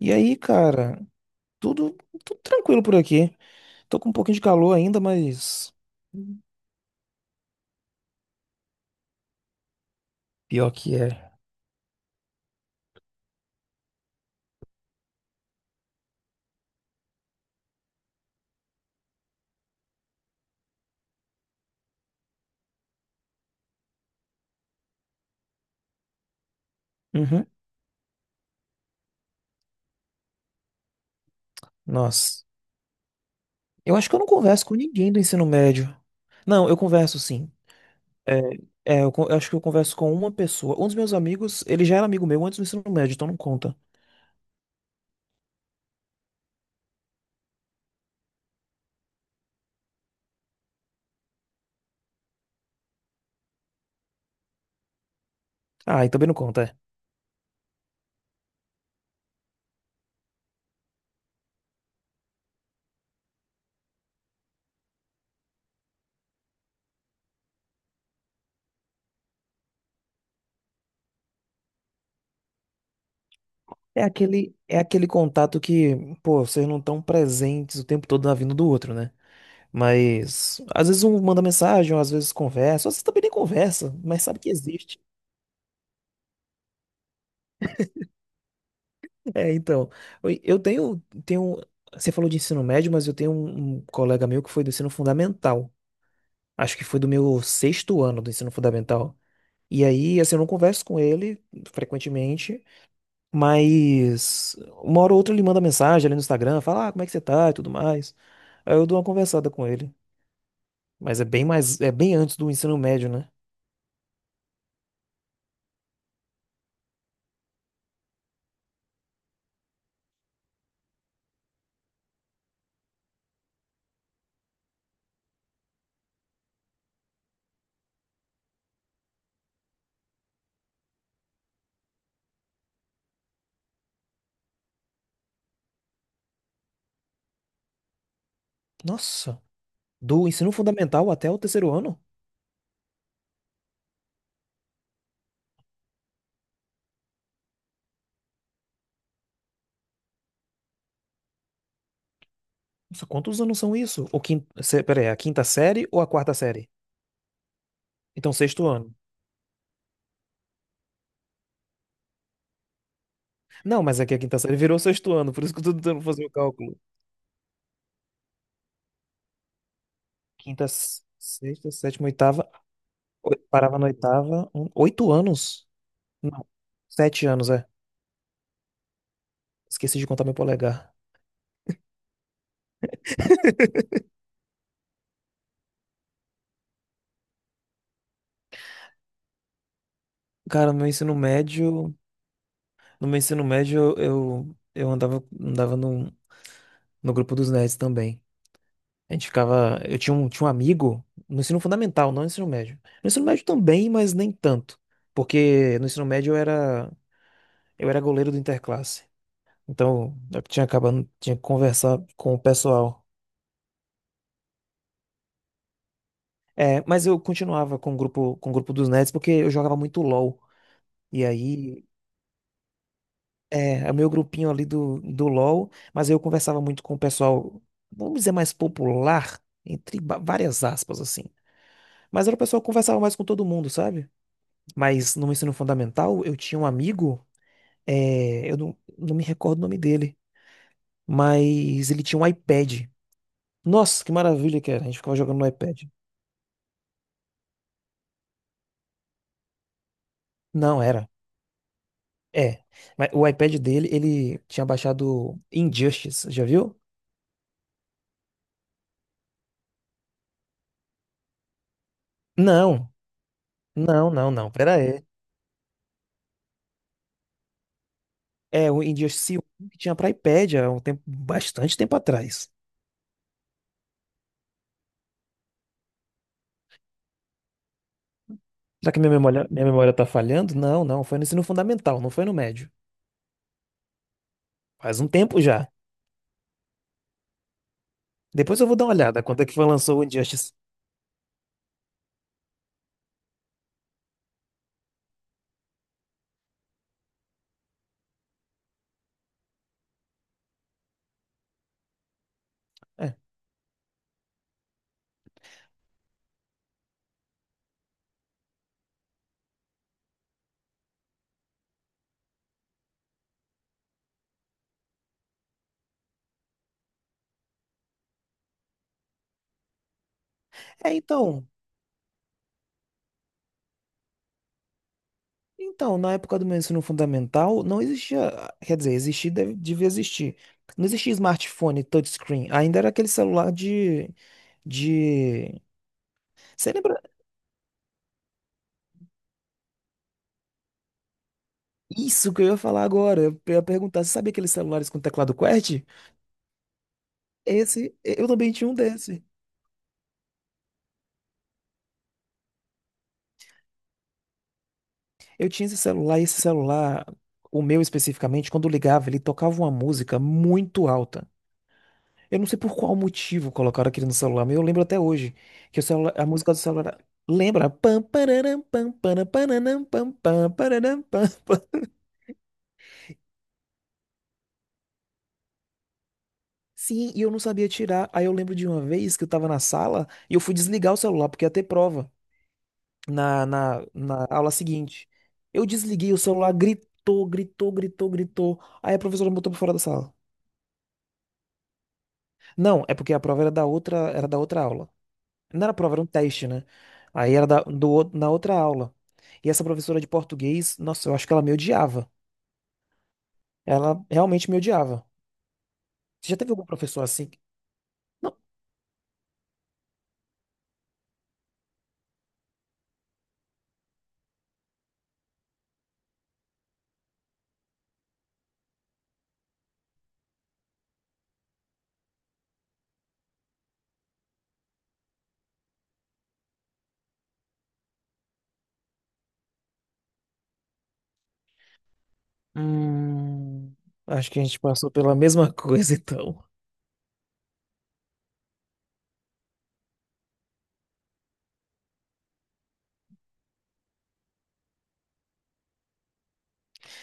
E aí, cara, tudo, tudo tranquilo por aqui. Tô com um pouquinho de calor ainda, mas pior que é. Uhum. Nossa. Eu acho que eu não converso com ninguém do ensino médio. Não, eu converso sim. É, é, eu acho que eu converso com uma pessoa. Um dos meus amigos, ele já era amigo meu antes do ensino médio, então não conta. Ah, e também não conta. É. É aquele contato que, pô, vocês não estão presentes o tempo todo na vida um do outro, né? Mas às vezes um manda mensagem, ou às vezes conversa, ou às vezes também nem conversa, mas sabe que existe. É, então, eu tenho, você falou de ensino médio, mas eu tenho um colega meu que foi do ensino fundamental. Acho que foi do meu sexto ano do ensino fundamental. E aí, assim, eu não converso com ele frequentemente, mas uma hora ou outra ele manda mensagem ali no Instagram, fala, ah, como é que você tá e tudo mais. Aí eu dou uma conversada com ele. Mas é bem mais, é bem antes do ensino médio, né? Nossa, do ensino fundamental até o terceiro ano? Nossa, quantos anos são isso? O quinto, peraí, a quinta série ou a quarta série? Então, sexto ano. Não, mas é que a quinta série virou sexto ano, por isso que eu tô tentando fazer o cálculo. Quinta, sexta, sétima, oitava. Parava na oitava. Oito anos? Não, sete anos, é. Esqueci de contar meu polegar. Cara, no meu ensino médio. No meu ensino médio, eu andava num. No grupo dos nerds também. A gente ficava. Eu tinha um amigo no ensino fundamental, não no ensino médio. No ensino médio também, mas nem tanto. Porque no ensino médio eu era goleiro do interclasse. Então eu tinha acabando, tinha que conversar com o pessoal. É, mas eu continuava com o grupo dos nerds porque eu jogava muito LOL. E aí, é, o meu grupinho ali do, do LOL, mas eu conversava muito com o pessoal, vamos dizer, mais popular, entre várias aspas, assim. Mas era o pessoal que conversava mais com todo mundo, sabe? Mas no ensino fundamental, eu tinha um amigo, é, eu não me recordo o nome dele, mas ele tinha um iPad. Nossa, que maravilha que era. A gente ficava jogando no iPad. Não era. É. Mas o iPad dele, ele tinha baixado Injustice, já viu? Não, não, não, não. Pera aí. É, o Injustice 1 que tinha para iPad há um tempo, bastante tempo atrás. Será que minha memória tá falhando? Não, não. Foi no ensino fundamental, não foi no médio. Faz um tempo já. Depois eu vou dar uma olhada quando é que foi lançou o Injustice. É. É, então, então, na época do meu ensino fundamental, não existia, quer dizer, existia, deve, devia existir. Não existia smartphone touchscreen, ainda era aquele celular de... Você lembra? Isso que eu ia falar agora, eu ia perguntar, você sabia aqueles celulares com teclado QWERTY? Esse, eu também tinha um desse. Eu tinha esse celular, e esse celular, o meu especificamente, quando ligava, ele tocava uma música muito alta. Eu não sei por qual motivo colocaram aquilo no celular, mas eu lembro até hoje que o celular, a música do celular era- lembra? Pam, pararam, pam, para, pararam, pam, pam, pararam, pam, pam. Sim, e eu não sabia tirar. Aí eu lembro de uma vez que eu tava na sala e eu fui desligar o celular porque ia ter prova na aula seguinte. Eu desliguei o celular, gritou, gritou, gritou, gritou. Aí a professora me botou pra fora da sala. Não, é porque a prova era da outra aula. Não era prova, era um teste, né? Aí era da, do, outro- na outra aula. E essa professora de português, nossa, eu acho que ela me odiava. Ela realmente me odiava. Você já teve algum professor assim? Não. Hum, acho que a gente passou pela mesma coisa, então.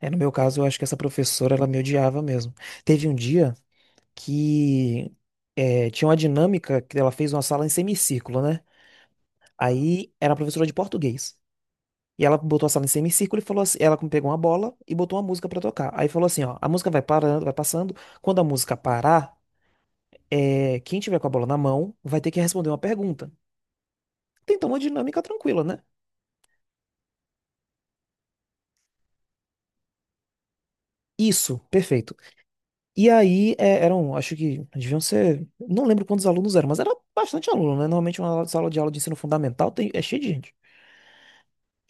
É, no meu caso, eu acho que essa professora, ela me odiava mesmo. Teve um dia que tinha uma dinâmica que ela fez uma sala em semicírculo, né? Aí era a professora de português. E ela botou a sala em semicírculo e falou assim, ela pegou uma bola e botou uma música pra tocar. Aí falou assim, ó, a música vai parando, vai passando. Quando a música parar, é, quem tiver com a bola na mão vai ter que responder uma pergunta. Tentou uma dinâmica tranquila, né? Isso, perfeito. E aí eram, acho que deviam ser, não lembro quantos alunos eram, mas era bastante aluno, né? Normalmente uma sala de aula de ensino fundamental tem, é cheio de gente.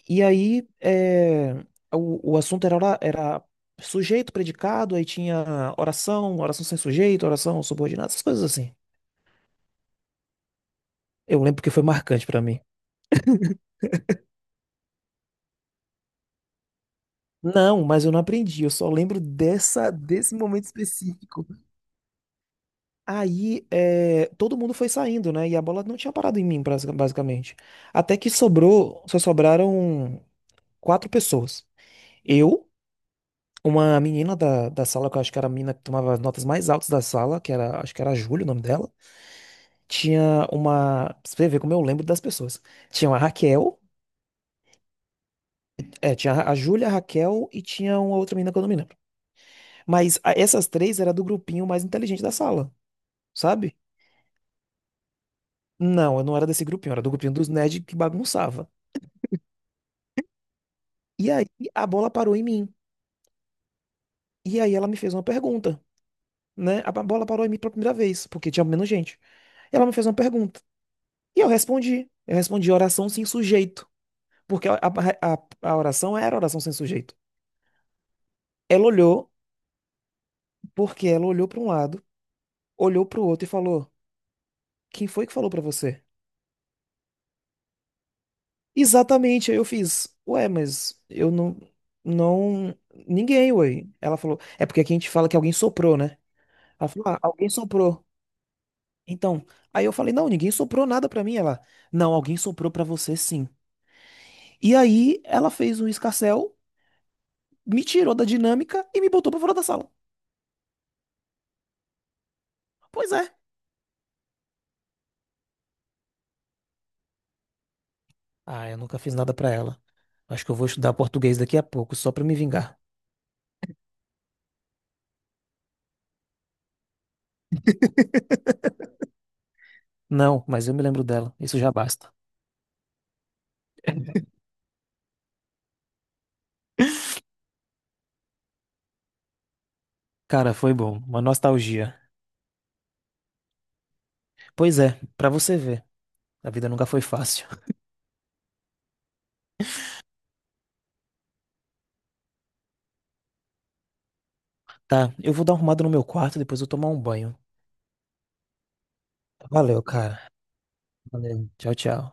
E aí, é, o assunto era, era sujeito, predicado, aí tinha oração, oração sem sujeito, oração subordinada, essas coisas assim. Eu lembro que foi marcante pra mim. Não, mas eu não aprendi, eu só lembro dessa, desse momento específico. Aí, é, todo mundo foi saindo, né? E a bola não tinha parado em mim, basicamente. Até que sobrou, só sobraram quatro pessoas. Eu. Uma menina da sala, que eu acho que era a menina que tomava as notas mais altas da sala, que era, acho que era a Júlia o nome dela, tinha uma. Pra você vê como eu lembro das pessoas. Tinha uma Raquel, é, tinha a Júlia, a Raquel e tinha uma outra menina que eu não me lembro. Mas essas três era do grupinho mais inteligente da sala, sabe? Não, eu não era desse grupinho, eu era do grupinho dos nerds que bagunçava. E aí a bola parou em mim. E aí ela me fez uma pergunta, né? A bola parou em mim pela primeira vez, porque tinha menos gente. Ela me fez uma pergunta. E eu respondi. Eu respondi oração sem sujeito. Porque a oração era oração sem sujeito. Ela olhou, porque ela olhou para um lado, olhou para o outro e falou: Quem foi que falou para você? Exatamente, aí eu fiz. Ué, mas eu não. Não. Ninguém, ué. Ela falou: É porque aqui a gente fala que alguém soprou, né? Ela falou: Ah, alguém soprou. Então. Aí eu falei: Não, ninguém soprou nada para mim. Ela: Não, alguém soprou para você sim. E aí ela fez um escarcéu, me tirou da dinâmica e me botou para fora da sala. Pois é. Ah, eu nunca fiz nada pra ela. Acho que eu vou estudar português daqui a pouco, só pra me vingar. Não, mas eu me lembro dela. Isso já basta. Cara, foi bom. Uma nostalgia. Pois é, pra você ver. A vida nunca foi fácil. Tá, eu vou dar uma arrumada no meu quarto, depois eu tomar um banho. Valeu, cara. Valeu. Tchau, tchau.